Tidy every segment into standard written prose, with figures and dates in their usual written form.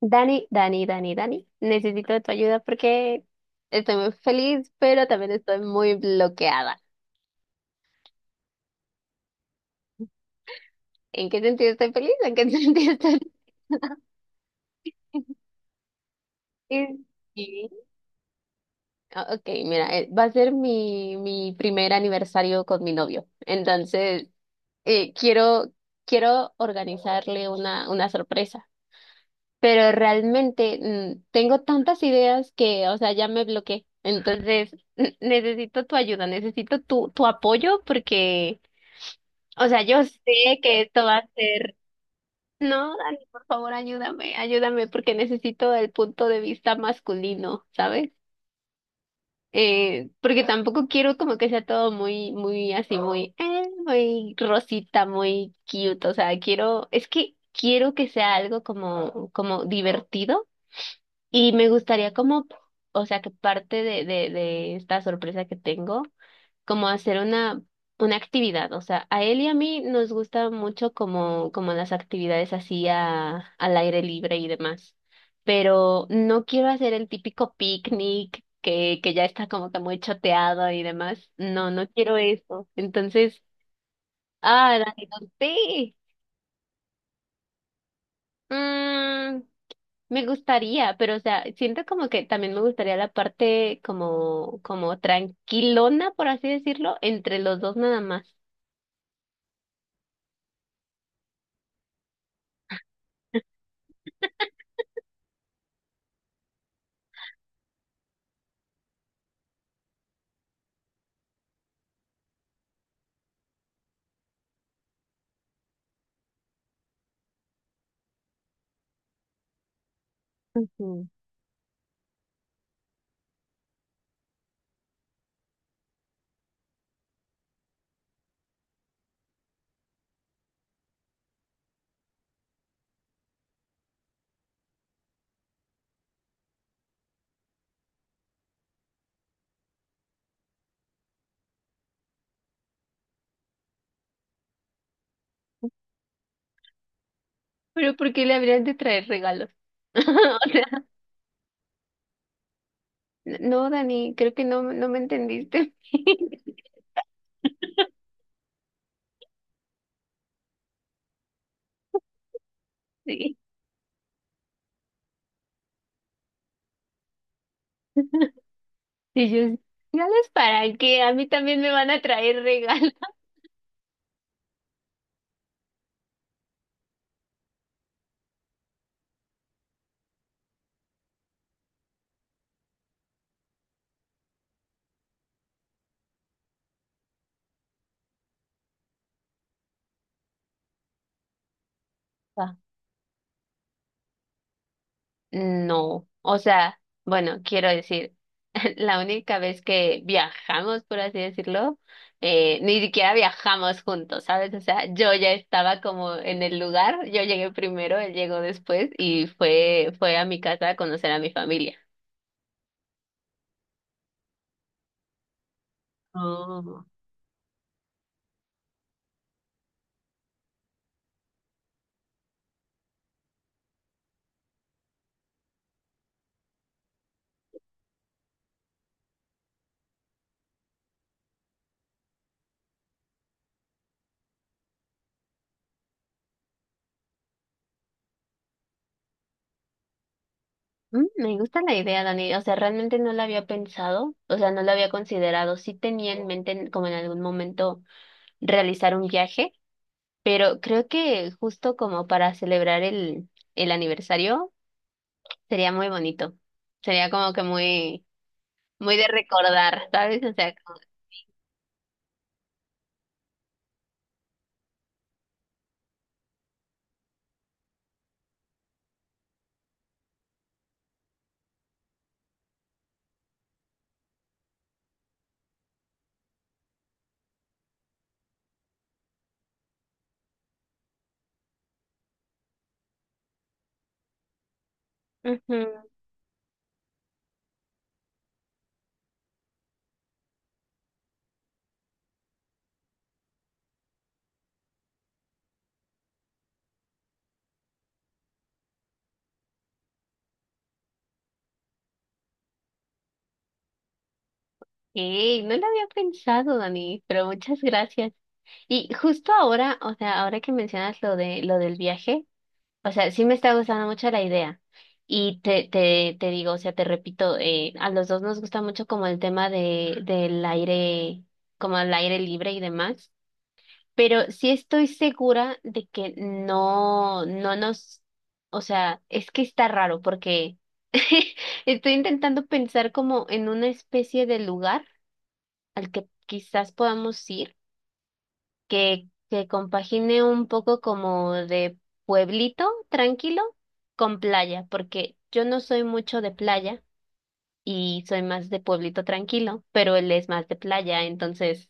Dani, Dani, Dani, Dani, necesito de tu ayuda porque estoy muy feliz, pero también estoy muy bloqueada. ¿En qué sentido estoy feliz? ¿En qué sentido estoy feliz? Sí. Ok, mira, va a ser mi primer aniversario con mi novio. Entonces, eh, quiero, quiero organizarle una sorpresa. Pero realmente tengo tantas ideas que, o sea, ya me bloqueé. Entonces, necesito tu ayuda, necesito tu apoyo porque o sea, yo sé que esto va a ser. No, Dani, por favor, ayúdame, ayúdame, porque necesito el punto de vista masculino, ¿sabes? Porque tampoco quiero como que sea todo muy así, muy rosita, muy cute. O sea, quiero, es que quiero que sea algo como, como divertido y me gustaría como, o sea, que parte de esta sorpresa que tengo, como hacer una actividad. O sea, a él y a mí nos gusta mucho como, como las actividades así a, al aire libre y demás. Pero no quiero hacer el típico picnic que ya está como que muy choteado y demás. No, no quiero eso. Entonces, ah, Dani, no sé. Me gustaría, pero o sea, siento como que también me gustaría la parte como, como tranquilona, por así decirlo, entre los dos nada más. Ujú. Pero ¿por qué le habrían de traer regalos? O sea, no, Dani, creo que no me entendiste. Sí. Y yo, ¿regalos para qué? A mí también me van a traer regalos. No, o sea, bueno, quiero decir, la única vez que viajamos, por así decirlo, ni siquiera viajamos juntos, ¿sabes? O sea, yo ya estaba como en el lugar, yo llegué primero, él llegó después y fue a mi casa a conocer a mi familia. Oh. Me gusta la idea, Dani. O sea, realmente no la había pensado, o sea, no la había considerado. Sí tenía en mente como en algún momento realizar un viaje. Pero creo que justo como para celebrar el aniversario sería muy bonito. Sería como que muy, muy de recordar, ¿sabes? O sea, como... Ujú. Ey, no lo había pensado, Dani, pero muchas gracias. Y justo ahora, o sea, ahora que mencionas lo del viaje, o sea, sí me está gustando mucho la idea. Y te digo, o sea, te repito, a los dos nos gusta mucho como el tema de, del aire, como el aire libre y demás. Pero sí estoy segura de que no, no nos, o sea, es que está raro porque estoy intentando pensar como en una especie de lugar al que quizás podamos ir, que compagine un poco como de pueblito tranquilo con playa, porque yo no soy mucho de playa y soy más de pueblito tranquilo, pero él es más de playa, entonces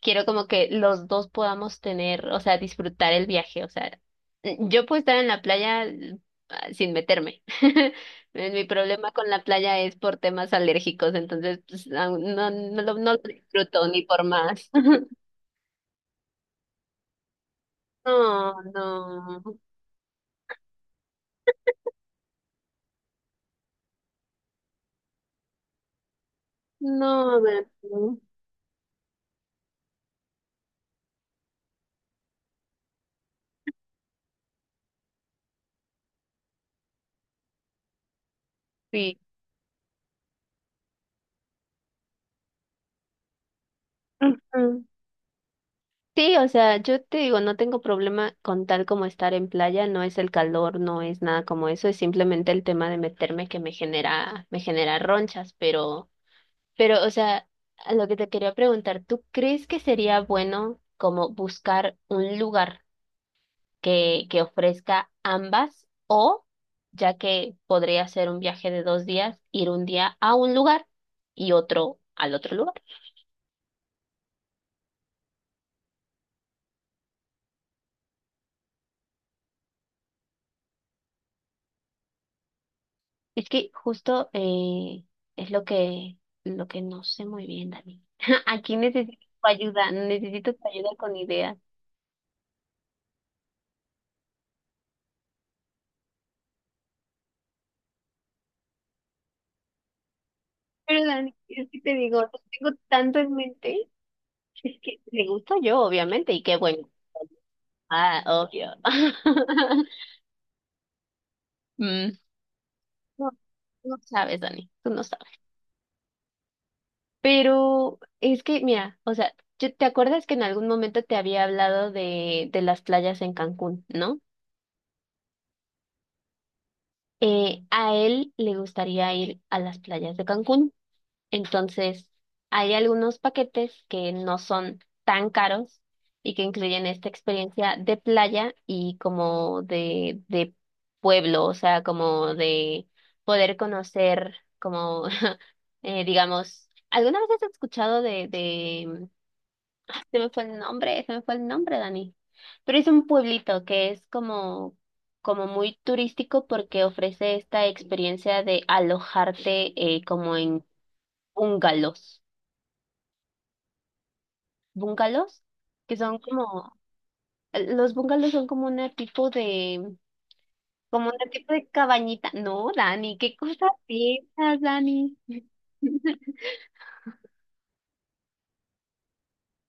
quiero como que los dos podamos tener, o sea, disfrutar el viaje, o sea, yo puedo estar en la playa sin meterme. Mi problema con la playa es por temas alérgicos, entonces pues, aún no lo disfruto ni por más. No, no, no, Beto, sí. Sí, o sea, yo te digo, no tengo problema con tal como estar en playa, no es el calor, no es nada como eso, es simplemente el tema de meterme que me genera ronchas, pero, o sea, a lo que te quería preguntar, ¿tú crees que sería bueno como buscar un lugar que ofrezca ambas o, ya que podría ser un viaje de dos días, ir un día a un lugar y otro al otro lugar? Es que justo es lo que no sé muy bien, Dani. Aquí necesito tu ayuda con ideas. Pero Dani, es que te digo, no tengo tanto en mente. Es que me gusta yo, obviamente, y qué bueno. Ah, obvio. Mm. No, no sabes, Dani, tú no sabes. Pero es que, mira, o sea, ¿te acuerdas que en algún momento te había hablado de las playas en Cancún, ¿no? A él le gustaría ir a las playas de Cancún. Entonces, hay algunos paquetes que no son tan caros y que incluyen esta experiencia de playa y como de pueblo, o sea, como de poder conocer, como, digamos, ¿alguna vez has escuchado de, se me fue el nombre, se me fue el nombre, Dani. Pero es un pueblito que es como, como muy turístico porque ofrece esta experiencia de alojarte como en bungalows. ¿Bungalows? Que son como, los bungalows son como un tipo de, como un tipo de cabañita. No, Dani, ¿qué cosas piensas, Dani?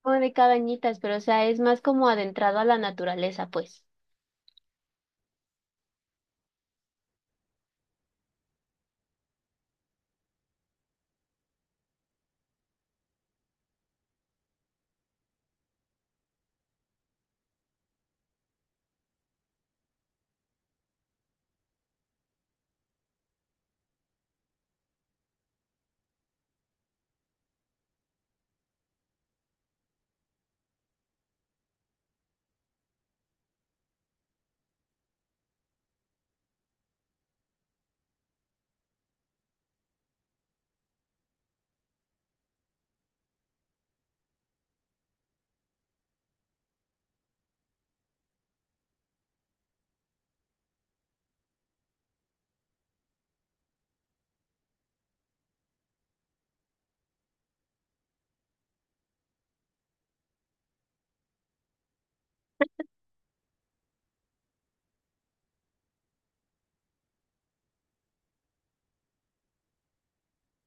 Como de cabañitas, pero o sea, es más como adentrado a la naturaleza, pues.